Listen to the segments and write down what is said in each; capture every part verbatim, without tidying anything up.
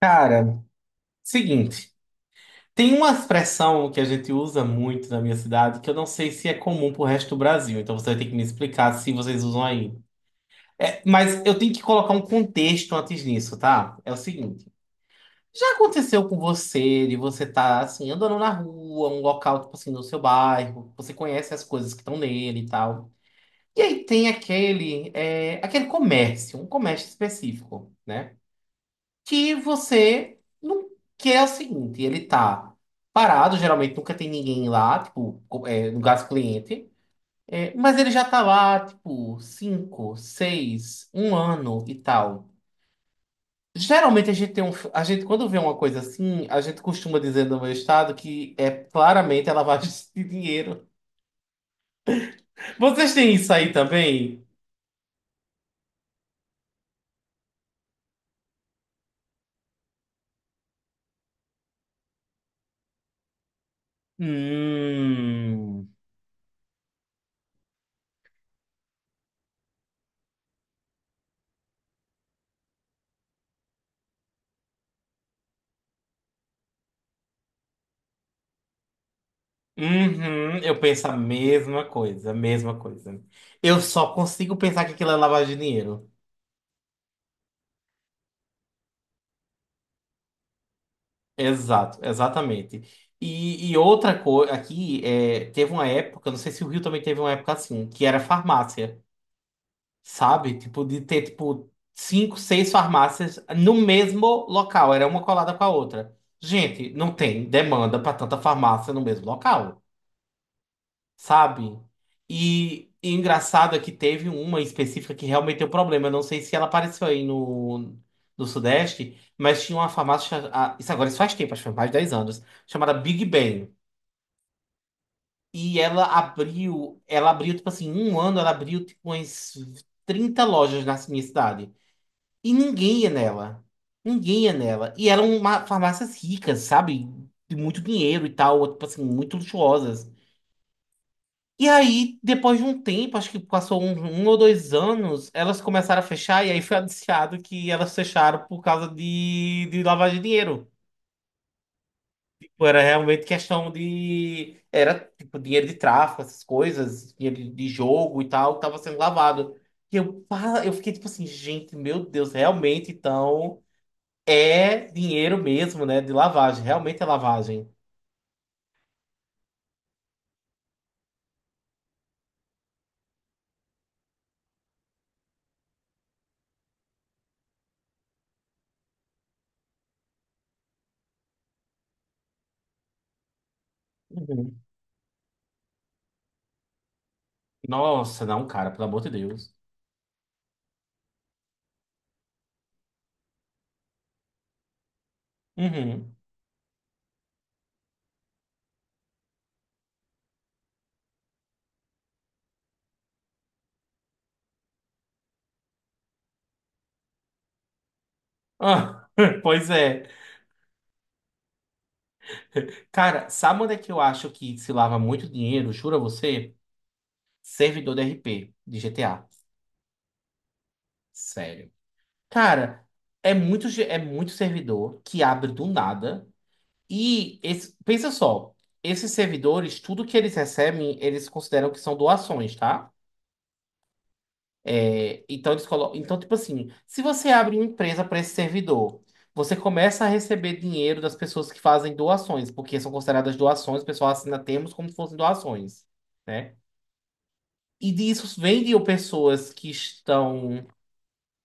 Cara, seguinte, tem uma expressão que a gente usa muito na minha cidade que eu não sei se é comum pro resto do Brasil, então você vai ter que me explicar se vocês usam aí. É, mas eu tenho que colocar um contexto antes nisso, tá? É o seguinte, já aconteceu com você de você tá assim andando na rua, um local tipo assim no seu bairro, você conhece as coisas que estão nele e tal. E aí tem aquele é, aquele comércio, um comércio específico, né? Que você não quer é o seguinte, ele tá parado, geralmente nunca tem ninguém lá, tipo, co- é, no caso cliente, é, mas ele já tá lá, tipo, cinco, seis, um ano e tal. Geralmente a gente tem um, a gente quando vê uma coisa assim, a gente costuma dizer no meu estado que é claramente a lavagem de dinheiro. Vocês têm isso aí também? Hum. Uhum, eu penso a mesma coisa, a mesma coisa. Eu só consigo pensar que aquilo é lavagem de dinheiro. Exato, exatamente. E, e outra coisa, aqui é, teve uma época, não sei se o Rio também teve uma época assim, que era farmácia, sabe? Tipo, de ter, tipo, cinco, seis farmácias no mesmo local, era uma colada com a outra. Gente, não tem demanda para tanta farmácia no mesmo local. Sabe? E, e engraçado é que teve uma específica que realmente deu problema. Eu não sei se ela apareceu aí no, no Sudeste, mas tinha uma farmácia, ah, isso agora isso faz tempo, acho que faz mais de dez anos, chamada Big Ben. E ela abriu, ela abriu, tipo assim, em um ano ela abriu tipo umas trinta lojas na minha cidade. E ninguém ia nela. Ninguém ia nela. E eram uma- farmácias ricas, sabe? De muito dinheiro e tal, tipo assim, muito luxuosas. E aí, depois de um tempo, acho que passou um, um ou dois anos, elas começaram a fechar, e aí foi anunciado que elas fecharam por causa de, de lavagem de dinheiro. Tipo, era realmente questão de. Era tipo dinheiro de tráfico, essas coisas, dinheiro de de jogo e tal, que tava sendo lavado. E eu, pá, eu fiquei tipo assim, gente, meu Deus, realmente então é dinheiro mesmo, né? De lavagem, realmente é lavagem. Uhum. Nossa, não, cara, pelo amor de Deus. Uhum. Ah, pois é. Cara, sabe onde é que eu acho que se lava muito dinheiro? Juro a você? Servidor de R P de G T A. Sério. Cara, é muito, ge- é muito servidor que abre do nada. E esse- pensa só, esses servidores, tudo que eles recebem, eles consideram que são doações, tá? É, então, eles colocam, então, tipo assim, se você abre uma empresa para esse servidor, você começa a receber dinheiro das pessoas que fazem doações, porque são consideradas doações, o pessoal assina termos como se fossem doações. Né? E disso vendiam pessoas que estão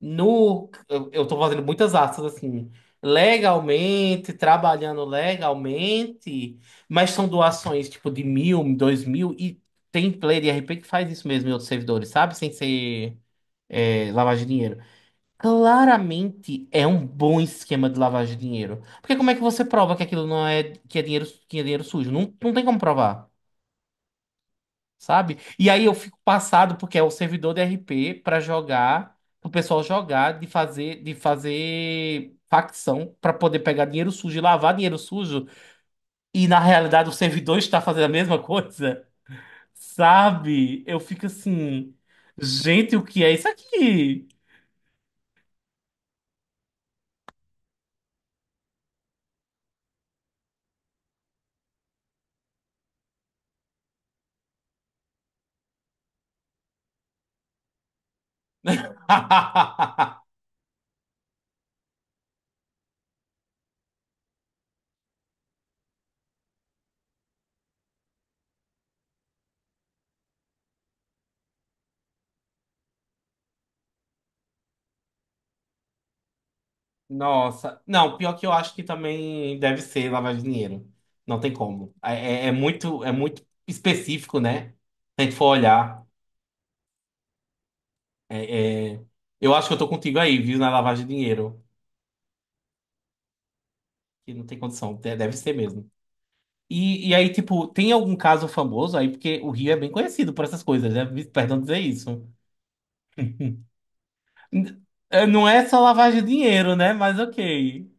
no. Eu eu tô fazendo muitas aspas assim. Legalmente, trabalhando legalmente, mas são doações tipo de mil, dois mil, e tem player de R p que faz isso mesmo em outros servidores, sabe? Sem ser é, lavagem de dinheiro. Claramente é um bom esquema de lavagem de dinheiro. Porque como é que você prova que aquilo não é, que é dinheiro, que é dinheiro sujo? Não, não tem como provar, sabe? E aí eu fico passado porque é o servidor de R P para jogar, pro pessoal jogar, de fazer, de fazer facção para poder pegar dinheiro sujo e lavar dinheiro sujo, e na realidade o servidor está fazendo a mesma coisa, sabe? Eu fico assim, gente, o que é isso aqui? Nossa, não, pior que eu acho que também deve ser lavar dinheiro. Não tem como. É, é é muito, é muito específico, né? Se a gente for olhar. É, é, eu acho que eu tô contigo aí, viu, na lavagem de dinheiro. Que não tem condição, de- deve ser mesmo. E, e aí, tipo, tem algum caso famoso aí? Porque o Rio é bem conhecido por essas coisas, né? Me- Perdão dizer isso. N- é, Não é só lavagem de dinheiro, né? Mas ok.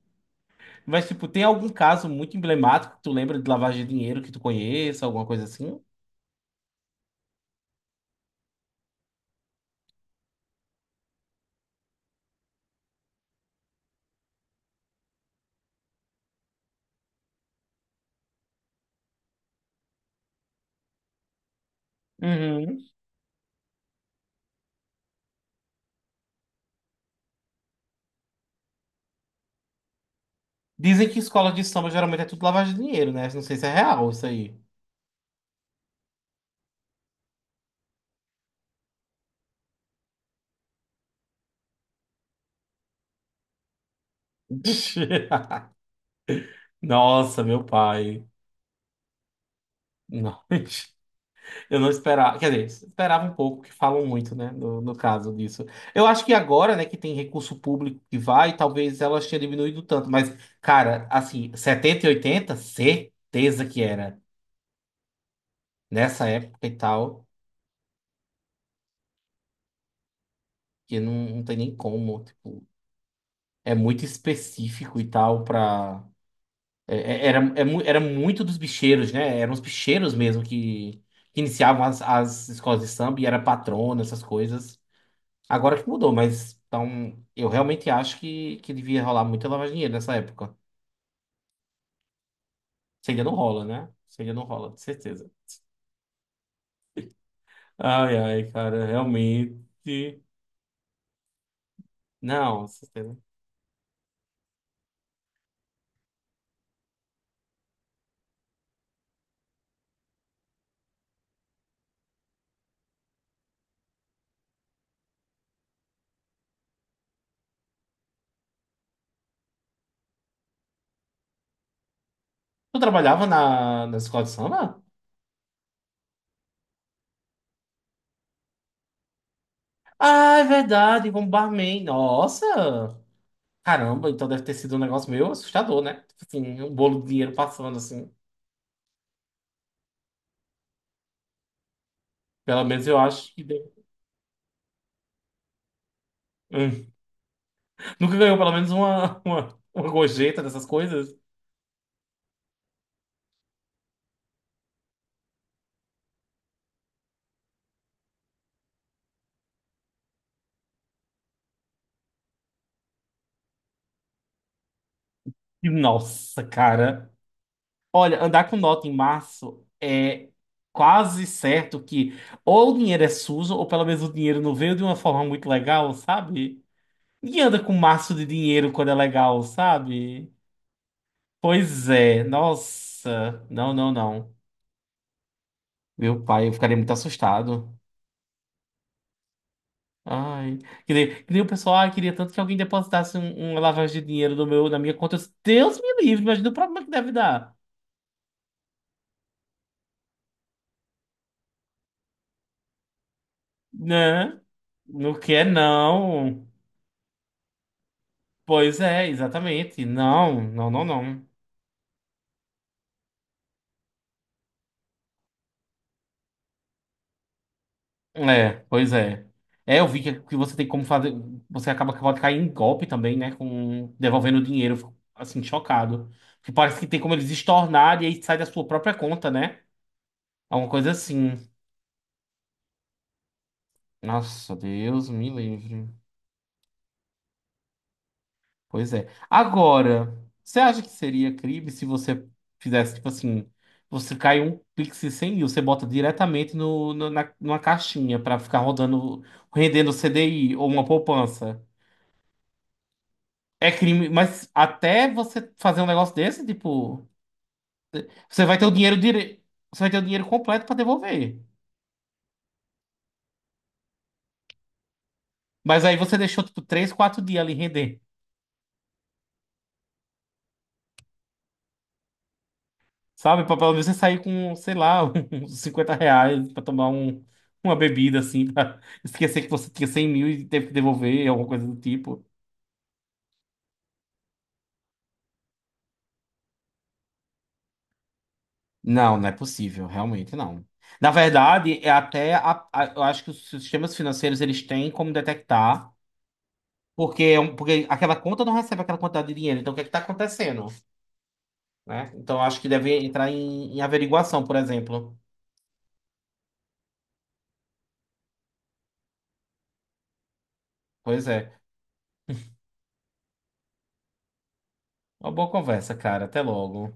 Mas, tipo, tem algum caso muito emblemático que tu lembra de lavagem de dinheiro que tu conheça, alguma coisa assim? Uhum. Dizem que escola de samba geralmente é tudo lavagem de dinheiro, né? Não sei se é real isso aí. Nossa, meu pai. Não. Eu não esperava, quer dizer, esperava um pouco, que falam muito, né, no, no caso disso. Eu acho que agora, né, que tem recurso público que vai, talvez elas tenham diminuído tanto, mas, cara, assim, setenta e oitenta, certeza que era. Nessa época e tal, que não, não tem nem como, tipo, é muito específico e tal pra... é- é- era, é mu- era muito dos bicheiros, né, eram os bicheiros mesmo que, que iniciavam as, as escolas de samba e era patrona, essas coisas. Agora que mudou, mas então eu realmente acho que, que devia rolar muita lavagem de dinheiro nessa época. Se ainda não rola, né? Se ainda não rola, de certeza. Ai, ai, cara, realmente. Não, certeza. Tu trabalhava na, na escola de samba? Ah, é verdade, como barman. Nossa! Caramba, então deve ter sido um negócio meio assustador, né? Tipo assim, um bolo de dinheiro passando assim. Pelo menos eu acho que deu. Hum. Nunca ganhou pelo menos uma, uma, uma gorjeta dessas coisas? E, nossa, cara. Olha, andar com nota em março é quase certo que ou o dinheiro é sujo, ou pelo menos o dinheiro não veio de uma forma muito legal, sabe? Ninguém anda com maço de dinheiro quando é legal, sabe? Pois é, nossa. Não, não, não. Meu pai, eu ficaria muito assustado. Ai. Que nem, que nem o pessoal, ah, queria tanto que alguém depositasse um- uma lavagem de dinheiro no meu, na minha conta. Eu disse, Deus me livre, imagina o problema que deve dar. Né? Não quer, não. Pois é, exatamente. Não, não, não, não. É, pois é. É, eu vi que, que você tem como fazer. Você acaba que pode cair em golpe também, né? Com devolvendo o dinheiro. Eu fico, assim, chocado. Porque parece que tem como eles estornarem e aí sai da sua própria conta, né? Alguma coisa assim. Nossa, Deus me livre. Pois é. Agora, você acha que seria crime se você fizesse, tipo assim, você cai um Pix de 100 mil, você bota diretamente no, no- na, numa caixinha pra ficar rodando, rendendo C D I ou uma poupança? É crime, mas até você fazer um negócio desse, tipo, você vai ter o dinheiro dire... você vai ter o dinheiro completo pra devolver. Mas aí você deixou, tipo, três quatro dias ali rendendo. Sabe, pra pelo menos você sair com, sei lá, uns cinquenta reais pra tomar um, uma bebida, assim, pra esquecer que você tinha cem mil e teve que devolver, alguma coisa do tipo. Não, não é possível, realmente não. Na verdade, é até, a- a- eu acho que os sistemas financeiros, eles têm como detectar, porque, é um- porque aquela conta não recebe aquela quantidade de dinheiro, então o que é que tá acontecendo, né? Então, eu acho que deve entrar em, em averiguação, por exemplo. Pois é. Uma boa conversa, cara. Até logo.